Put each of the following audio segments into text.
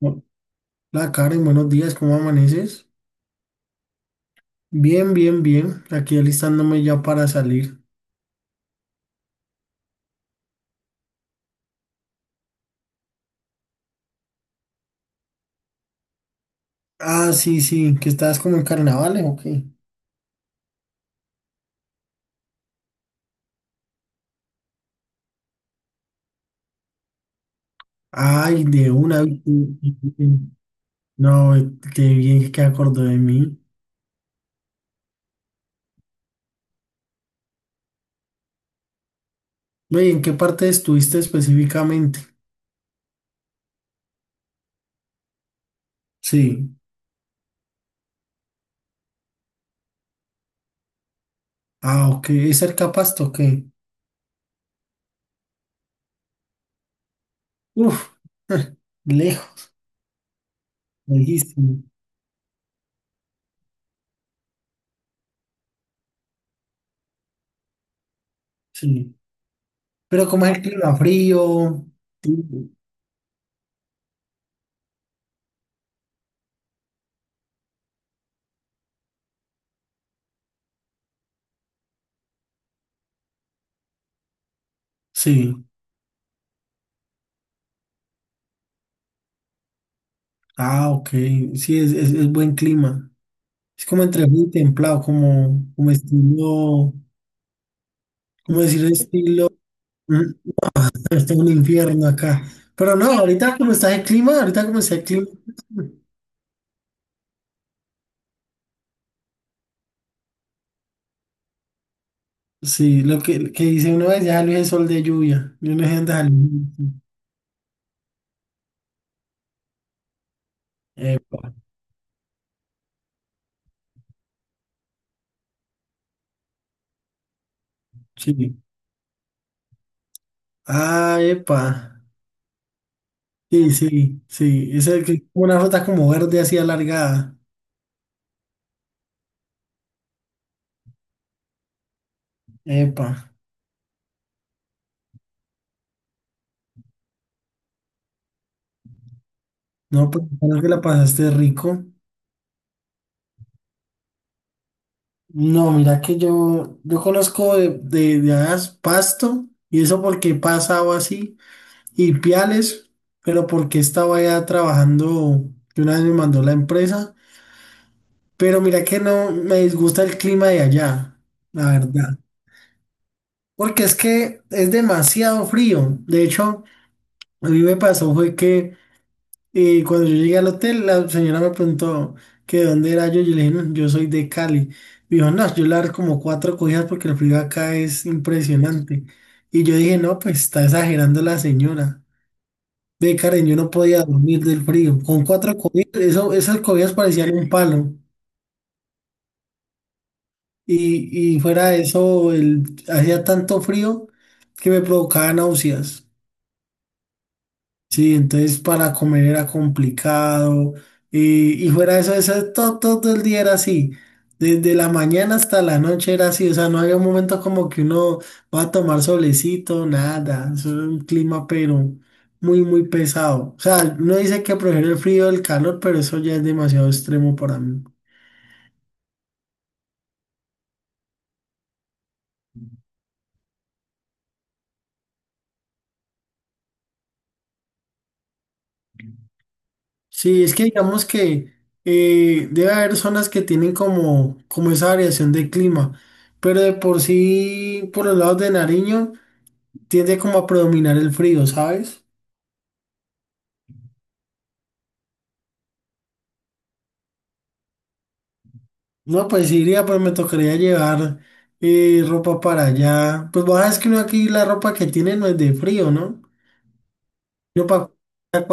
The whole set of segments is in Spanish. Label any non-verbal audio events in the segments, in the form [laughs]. Hola Karen, buenos días, ¿cómo amaneces? Bien, bien, bien. Aquí alistándome ya para salir. Ah, sí, sí, ¿que estás como en carnavales, o qué? Ay, de una. No, qué bien que acordó de mí. Oye, ¿en qué parte estuviste específicamente? Sí. Ah, ok. ¿Es cerca a Pasto? Ok. Uf, [laughs] lejos, lejísimo. Sí. Pero como es el clima? Frío. Sí. Sí. Ah, ok. Sí, es es buen clima. Es como entre muy templado, como, como estilo, como decir estilo, mm, está un infierno acá. Pero no, ahorita como está el clima, ahorita como está el clima. Sí, lo que dice uno es ya es el sol de lluvia. Yo no sé dónde salió. Epa, sí. Ah, epa. Sí, sí, sí. Es el que una fruta como verde así alargada. Epa. No, pues creo que la pasaste rico. No, mira que yo conozco de hadas Pasto, y eso porque he pasado así, y Piales, pero porque estaba allá trabajando, que una vez me mandó la empresa, pero mira que no me disgusta el clima de allá, la verdad, porque es que es demasiado frío. De hecho, a mí me pasó fue que, y cuando yo llegué al hotel, la señora me preguntó que de dónde era yo. Yo le dije, "No, yo soy de Cali". Me dijo, "No, yo le daré como cuatro cogidas porque el frío acá es impresionante". Y yo dije, "No, pues está exagerando la señora". Ve, Karen, yo no podía dormir del frío. Con cuatro cogidas, eso, esas cogidas parecían un palo. Y fuera de eso, hacía tanto frío que me provocaba náuseas. Sí, entonces para comer era complicado. Y fuera de eso, eso todo, todo el día era así. Desde la mañana hasta la noche era así. O sea, no había un momento como que uno va a tomar solecito, nada. Eso era un clima, pero muy, muy pesado. O sea, uno dice que prefiere el frío del calor, pero eso ya es demasiado extremo para mí. Sí, es que digamos que debe haber zonas que tienen como, como esa variación de clima, pero de por sí, por los lados de Nariño tiende como a predominar el frío, ¿sabes? No, pues sí iría, pero me tocaría llevar ropa para allá. Pues vos sabes que uno aquí la ropa que tiene no es de frío, ¿no? Yo para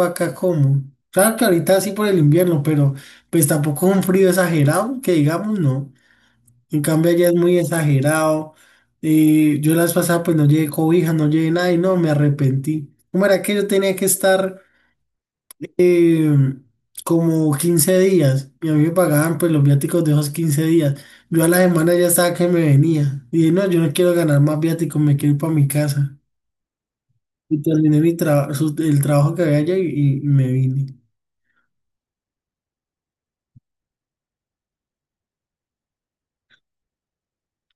acá como. Claro que ahorita sí por el invierno, pero pues tampoco es un frío exagerado, que digamos no. En cambio allá es muy exagerado. Yo las pasadas pues no llevé cobija, no llevé nada y no, me arrepentí. ¿Cómo era que yo tenía que estar? eh, Como 15 días y a mí me pagaban pues los viáticos de esos 15 días. Yo a la semana ya estaba que me venía y dije, "No, yo no quiero ganar más viáticos, me quiero ir para mi casa". Y terminé mi el trabajo que había allá y, y me vine.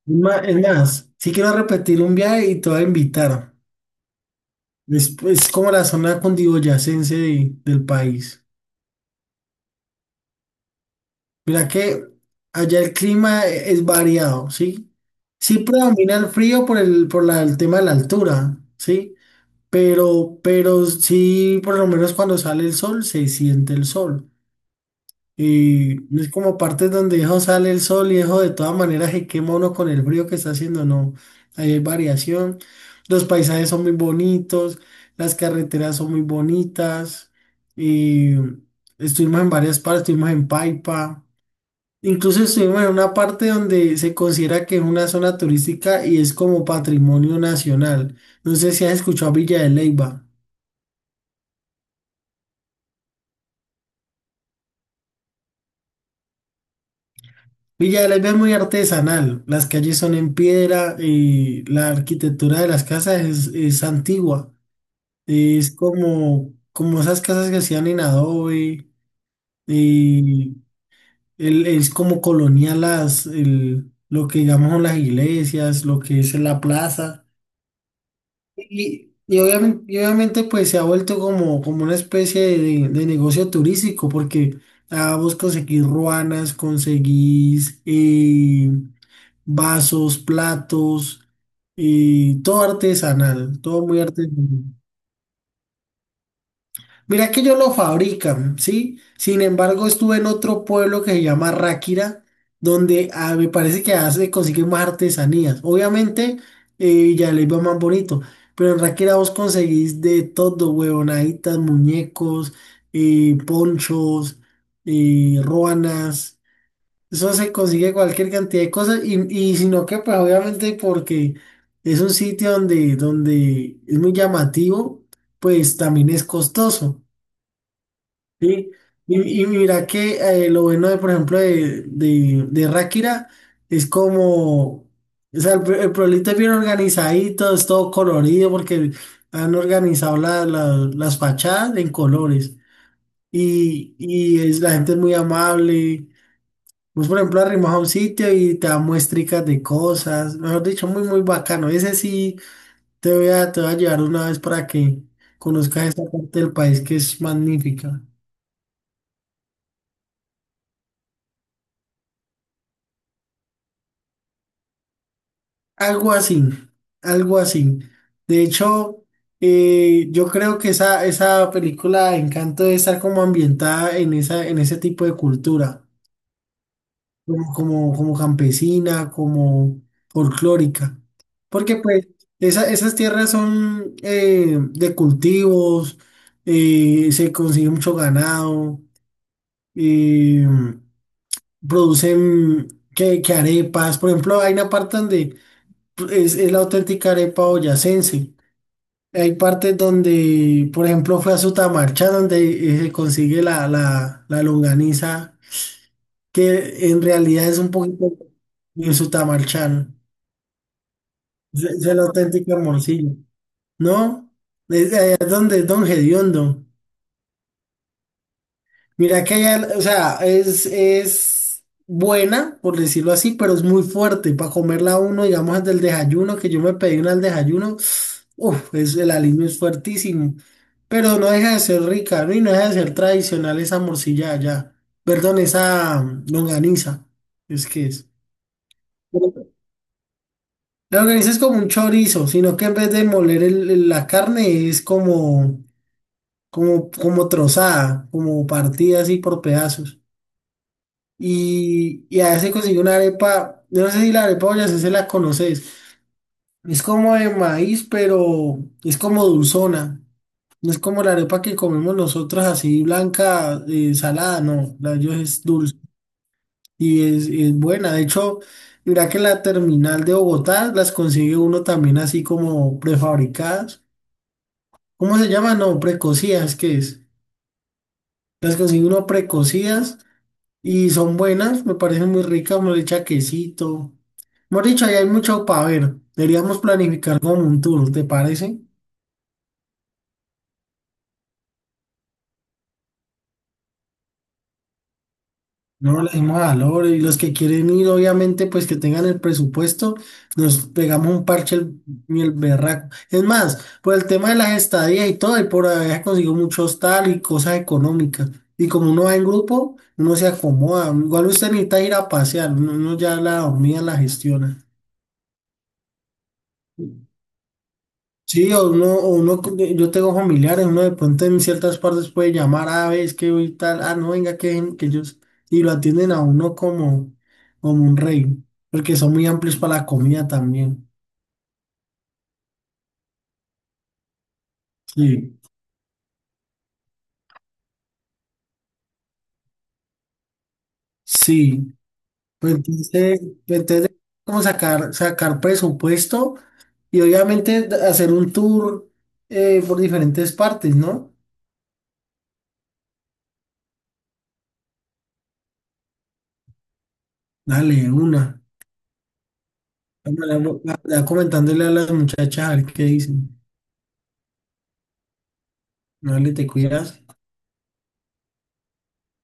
Es más, sí quiero repetir un viaje y te voy a invitar. Es como la zona cundiboyacense del país. Mira que allá el es variado, ¿sí? Sí predomina el frío por el tema de la altura, ¿sí? Pero sí, por lo menos cuando sale el sol, se siente el sol. Y es como partes donde hijo sale el sol y hijo de todas maneras se quema uno con el frío que está haciendo, no. Ahí hay variación. Los paisajes son muy bonitos, las carreteras son muy bonitas. Y estuvimos en varias partes, estuvimos en Paipa. Incluso estuvimos en una parte donde se considera que es una zona turística y es como patrimonio nacional. No sé si has escuchado Villa de Leyva. Villa de la Ley es muy artesanal, las calles son en piedra y la arquitectura de las casas es antigua, es como, como esas casas que hacían en adobe, y es como colonial lo que digamos son las iglesias, lo que es la plaza, y obviamente pues se ha vuelto como, como una especie de negocio turístico porque ah, vos conseguís ruanas, conseguís... vasos, platos, y todo artesanal, todo muy artesanal. Mira que ellos lo fabrican, ¿sí? Sin embargo, estuve en otro pueblo que se llama Ráquira, donde ah, me parece que ah, se consiguen más artesanías. Obviamente, ya les va más bonito, pero en Ráquira vos conseguís de todo, huevonaditas, muñecos, ponchos, ruanas. Eso se consigue cualquier cantidad de cosas y sino que pues obviamente porque es un sitio donde, donde es muy llamativo, pues también es costoso, ¿sí? Y mira que lo bueno de, por ejemplo, de Ráquira es como, o sea, el pueblito es bien organizadito, es todo colorido porque han organizado las fachadas en colores y es, la gente es muy amable. Vos, por ejemplo, arrimas a un sitio y te da muestricas de cosas. Mejor dicho, muy, muy bacano. Ese sí te voy a llevar una vez para que conozcas esta parte del país que es magnífica. Algo así, algo así. De hecho, yo creo que esa película Encanto debe estar como ambientada en esa, en ese tipo de cultura. Como, como, como campesina, como folclórica, porque pues esas tierras son de cultivos, se consigue mucho ganado, eh, producen que arepas, por ejemplo, hay una parte donde es la auténtica arepa boyacense. Hay partes donde, por ejemplo, fue a Sutamarcha, donde se consigue la longaniza que en realidad es un poquito en su tamarchán. Es el auténtico morcillo. ¿No? Es, allá es donde es Don Gediondo. Mira que allá, o sea, es buena, por decirlo así, pero es muy fuerte. Para comerla uno, digamos, desde el desayuno, que yo me pedí una al desayuno, uff, es, el aliño es fuertísimo. Pero no deja de ser rica, ¿no? Y no deja de ser tradicional esa morcilla allá. Perdón, esa longaniza. Es que es. La organiza es como un chorizo, sino que en vez de moler la carne es como, como, como trozada, como partida así por pedazos. Y a se consigue una arepa, yo no sé si la arepa boyacense se la conoces. Es como de maíz, pero es como dulzona. No es como la arepa que comemos nosotros así blanca, salada, no, la de ellos es dulce y es buena. De hecho, mira que en la terminal de Bogotá las consigue uno también así como prefabricadas. ¿Cómo se llama? No, precocidas, ¿qué es? Las consigue uno precocidas y son buenas, me parecen muy ricas, me le echa quesito. Hemos dicho, ahí hay mucho para ver. Deberíamos planificar como un tour, ¿te parece? No, le dimos valor y los que quieren ir, obviamente, pues que tengan el presupuesto, nos pegamos un parche el, y el berraco. Es más, por el tema de las estadías y todo, y por haber conseguido mucho hostal y cosas económicas. Y como uno va en grupo, uno se acomoda. Igual usted necesita ir a pasear, uno ya la dormida la gestiona. Sí, o uno, yo tengo familiares, uno de pronto en ciertas partes puede llamar a veces que hoy tal, ah, no, venga, que, ven", que ellos, y lo atienden a uno como, como un rey, porque son muy amplios para la comida también. Sí, sí. Pues entonces, pues entonces como sacar presupuesto y obviamente hacer un tour por diferentes partes, ¿no? Dale, una. Ya comentándole a las muchachas a ver qué dicen. Dale, te cuidas.